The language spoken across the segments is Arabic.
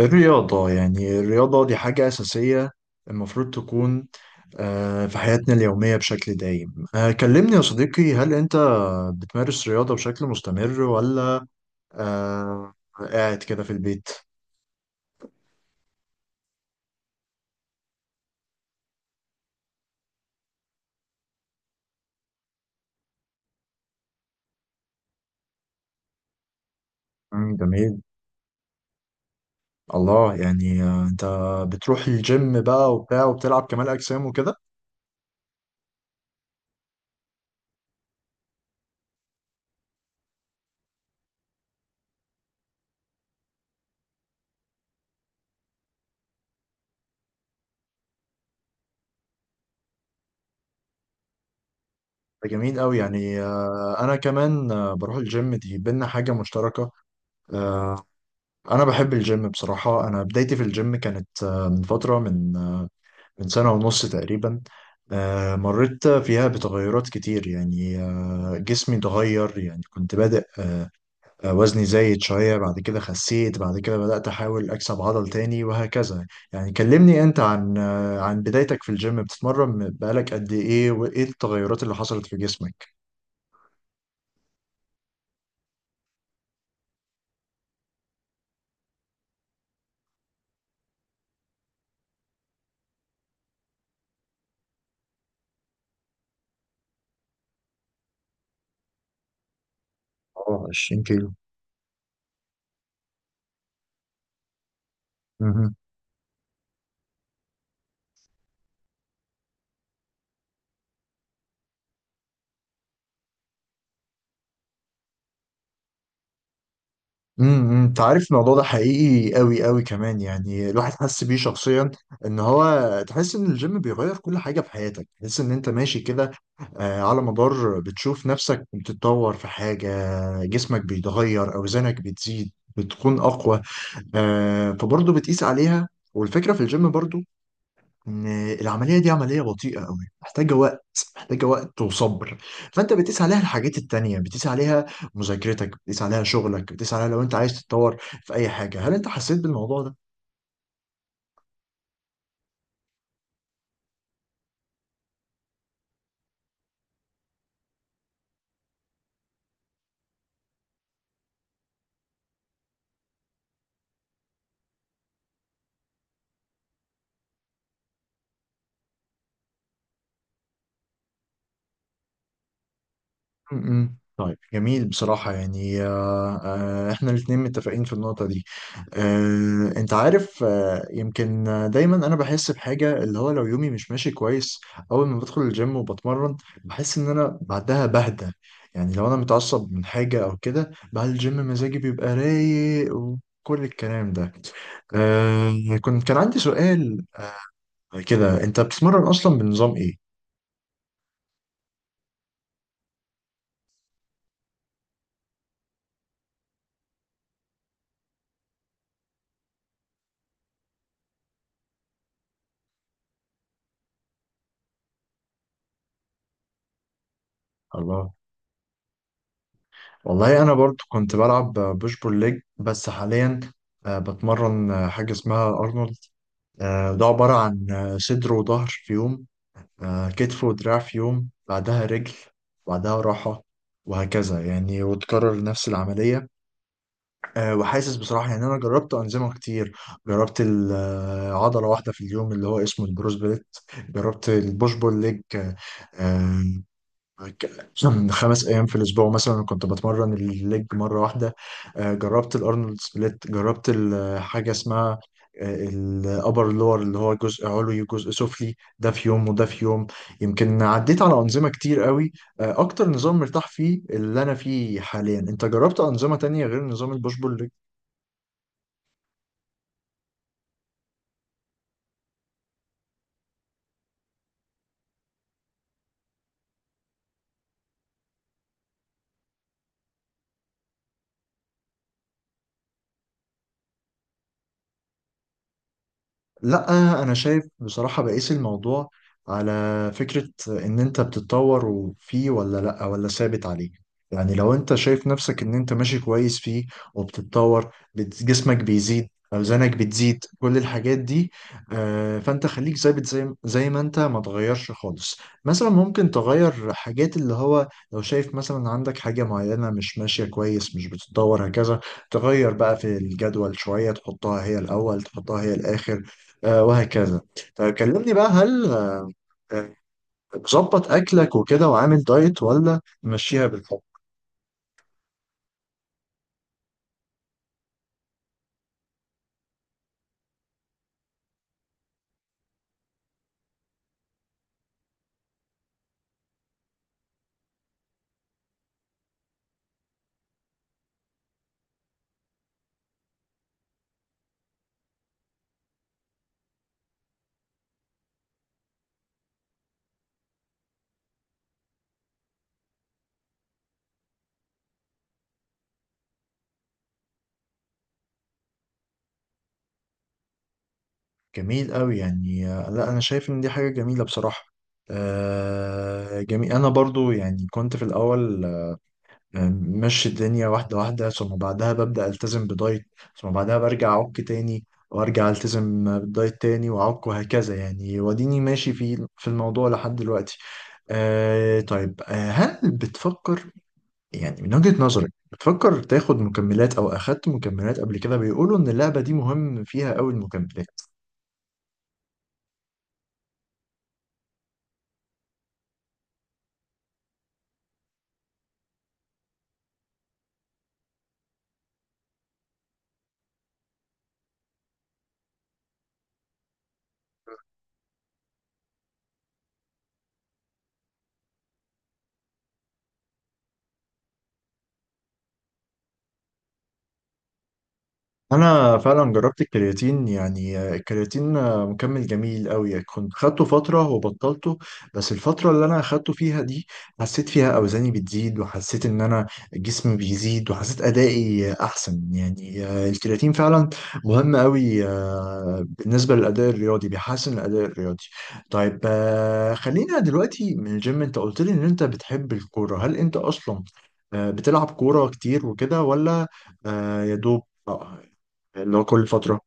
الرياضة يعني الرياضة دي حاجة أساسية المفروض تكون في حياتنا اليومية بشكل دايم. كلمني يا صديقي، هل أنت بتمارس رياضة بشكل مستمر ولا آه، قاعد كده في البيت؟ جميل. الله، يعني أنت بتروح الجيم بقى وبتاع وبتلعب كمال أجسام وكده. ده جميل أوي. يعني أنا كمان بروح الجيم، دي بينا حاجة مشتركة. آه، أنا بحب الجيم بصراحة. أنا بدايتي في الجيم كانت من فترة، من سنة ونص تقريبا. مريت فيها بتغيرات كتير. يعني جسمي اتغير، يعني كنت بادئ وزني زايد شوية، بعد كده خسيت، بعد كده بدأت أحاول أكسب عضل تاني وهكذا. يعني كلمني أنت عن عن بدايتك في الجيم، بتتمرن بقالك قد إيه وإيه التغيرات اللي حصلت في جسمك؟ اه، 20 كيلو. امم، انت عارف الموضوع ده حقيقي قوي قوي كمان، يعني الواحد حس بيه شخصيا ان هو، تحس ان الجيم بيغير كل حاجه في حياتك. تحس ان انت ماشي كده على مدار، بتشوف نفسك بتتطور في حاجه، جسمك بيتغير، اوزانك بتزيد، بتكون اقوى. فبرضه بتقيس عليها. والفكره في الجيم برضه ان العمليه دي عمليه بطيئه قوي، محتاجه وقت، محتاجه وقت وصبر. فانت بتقيس عليها الحاجات التانية، بتقيس عليها مذاكرتك، بتقيس عليها شغلك، بتقيس عليها لو انت عايز تتطور في اي حاجه. هل انت حسيت بالموضوع ده؟ م-م. طيب جميل بصراحة. يعني احنا الاتنين متفقين في النقطة دي. انت عارف، يمكن دايما انا بحس بحاجة، اللي هو لو يومي مش ماشي كويس، اول ما بدخل الجيم وبتمرن، بحس ان انا بعدها بهدى. يعني لو انا متعصب من حاجة او كده، بعد الجيم مزاجي بيبقى رايق وكل الكلام ده. كنت، كان عندي سؤال كده، انت بتتمرن اصلا بنظام ايه؟ الله، والله انا برضو كنت بلعب بوش بول ليج، بس حاليا بتمرن حاجه اسمها ارنولد. ده عباره عن صدر وظهر في يوم، كتف ودراع في يوم، بعدها رجل، بعدها راحه، وهكذا يعني، وتكرر نفس العمليه. وحاسس بصراحه، يعني انا جربت انظمه كتير. جربت عضله واحده في اليوم، اللي هو اسمه البروس بليت. جربت البوش بول ليج، آه، كان 5 ايام في الاسبوع، مثلا كنت بتمرن الليج مره واحده. جربت الارنولد سبليت. جربت حاجه اسمها الابر لور، اللي هو جزء علوي وجزء سفلي، ده في يوم وده في يوم. يمكن عديت على انظمه كتير قوي. اكتر نظام مرتاح فيه اللي انا فيه حاليا. انت جربت انظمه تانية غير نظام البوش بول؟ لا، انا شايف بصراحة بقيس الموضوع على فكرة ان انت بتتطور وفيه، ولا لا، ولا ثابت عليه. يعني لو انت شايف نفسك ان انت ماشي كويس فيه، وبتتطور، جسمك بيزيد، اوزانك بتزيد، كل الحاجات دي، فانت خليك ثابت، زي ما انت، ما تغيرش خالص. مثلا ممكن تغير حاجات، اللي هو لو شايف مثلا عندك حاجة معينة مش ماشية كويس، مش بتتطور هكذا، تغير بقى في الجدول شوية، تحطها هي الاول، تحطها هي الاخر، وهكذا. طيب كلمني بقى، هل آه، مظبط اكلك وكده وعامل دايت ولا ماشيها بالحب؟ جميل قوي. يعني لا انا شايف ان دي حاجه جميله بصراحه. جميل. انا برضو يعني كنت في الاول ماشي الدنيا واحده واحده، ثم بعدها ببدا التزم بدايت، ثم بعدها برجع اعك تاني، وارجع التزم بالدايت تاني واعك، وهكذا يعني. وديني ماشي في الموضوع لحد دلوقتي. طيب هل بتفكر، يعني من وجهة نظرك بتفكر تاخد مكملات، او اخدت مكملات قبل كده؟ بيقولوا ان اللعبة دي مهم فيها قوي المكملات. انا فعلا جربت الكرياتين. يعني الكرياتين مكمل جميل قوي. كنت خدته فتره وبطلته، بس الفتره اللي انا خدته فيها دي حسيت فيها اوزاني بتزيد، وحسيت ان انا جسمي بيزيد، وحسيت ادائي احسن. يعني الكرياتين فعلا مهم قوي بالنسبه للاداء الرياضي، بيحسن الاداء الرياضي. طيب خلينا دلوقتي من الجيم. انت قلت لي ان انت بتحب الكوره. هل انت اصلا بتلعب كوره كتير وكده ولا يا دوب ان هو كل فترة؟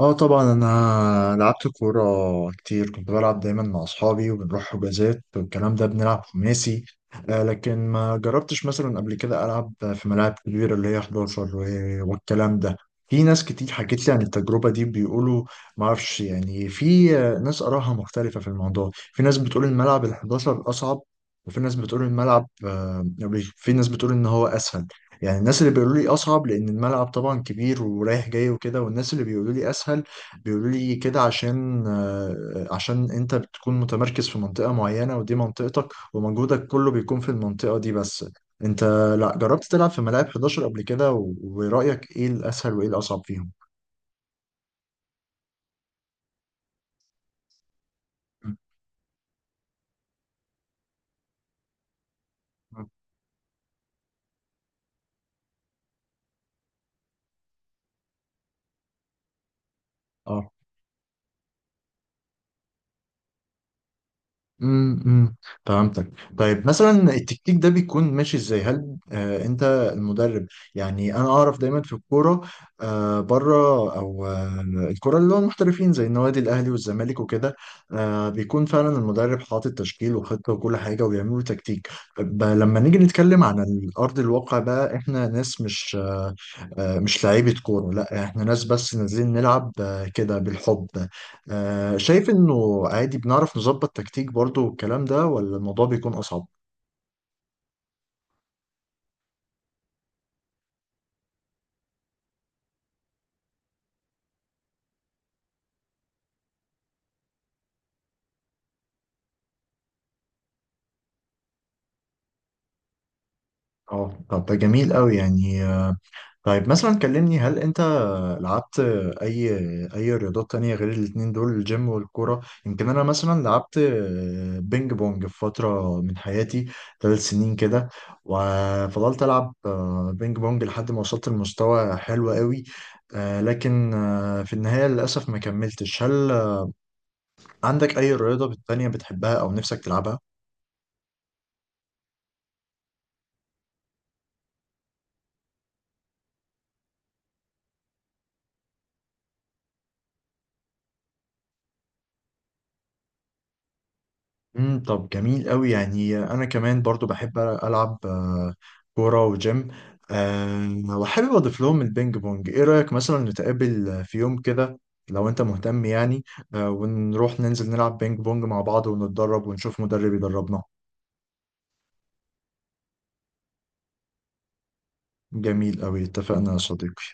اه طبعا، انا لعبت كوره كتير. كنت بلعب دايما مع اصحابي، وبنروح حجازات والكلام ده، بنلعب خماسي. آه، لكن ما جربتش مثلا قبل كده العب في ملاعب كبيره اللي هي 11 والكلام ده. في ناس كتير حكت لي عن التجربه دي، بيقولوا، ما اعرفش يعني، في ناس آرائها مختلفه في الموضوع. في ناس بتقول الملعب ال 11 اصعب، وفي ناس بتقول الملعب في ناس بتقول ان هو اسهل. يعني الناس اللي بيقولوا لي اصعب، لان الملعب طبعا كبير ورايح جاي وكده. والناس اللي بيقولوا لي اسهل، بيقولوا لي كده عشان عشان انت بتكون متمركز في منطقة معينة، ودي منطقتك ومجهودك كله بيكون في المنطقة دي بس. انت لا جربت تلعب في ملاعب 11 قبل كده؟ ورأيك ايه الاسهل وايه الاصعب فيهم؟ مم. اه، امم، فهمتك. طيب مثلا التكتيك ده بيكون ماشي ازاي؟ هل آه انت المدرب؟ يعني انا اعرف دايما في الكوره آه بره، او آه الكوره اللي هو المحترفين، زي النوادي الاهلي والزمالك وكده، آه بيكون فعلا المدرب حاطط تشكيل وخطه وكل حاجه، وبيعملوا تكتيك. لما نيجي نتكلم عن الارض الواقع بقى، احنا ناس مش مش لعيبه كوره، لا احنا ناس بس نازلين نلعب آه كده بالحب. شايف انه عادي بنعرف نظبط تكتيك برضو والكلام ده، ولا الموضوع بيكون اصعب؟ اه طب ده جميل قوي. يعني طيب مثلا كلمني، هل انت لعبت اي اي رياضات تانية غير الاتنين دول، الجيم والكورة؟ يمكن انا مثلا لعبت بينج بونج في فترة من حياتي، 3 سنين كده، وفضلت العب بينج بونج لحد ما وصلت لمستوى حلو قوي. لكن في النهاية للأسف ما كملتش. هل عندك أي رياضة تانية بتحبها أو نفسك تلعبها؟ امم، طب جميل قوي. يعني انا كمان برضو بحب العب كوره وجيم، آه، وحابب اضيف لهم البينج بونج. ايه رايك مثلا نتقابل في يوم كده، لو انت مهتم يعني، ونروح ننزل نلعب بينج بونج مع بعض، ونتدرب ونشوف مدرب يدربنا؟ جميل قوي، اتفقنا يا صديقي.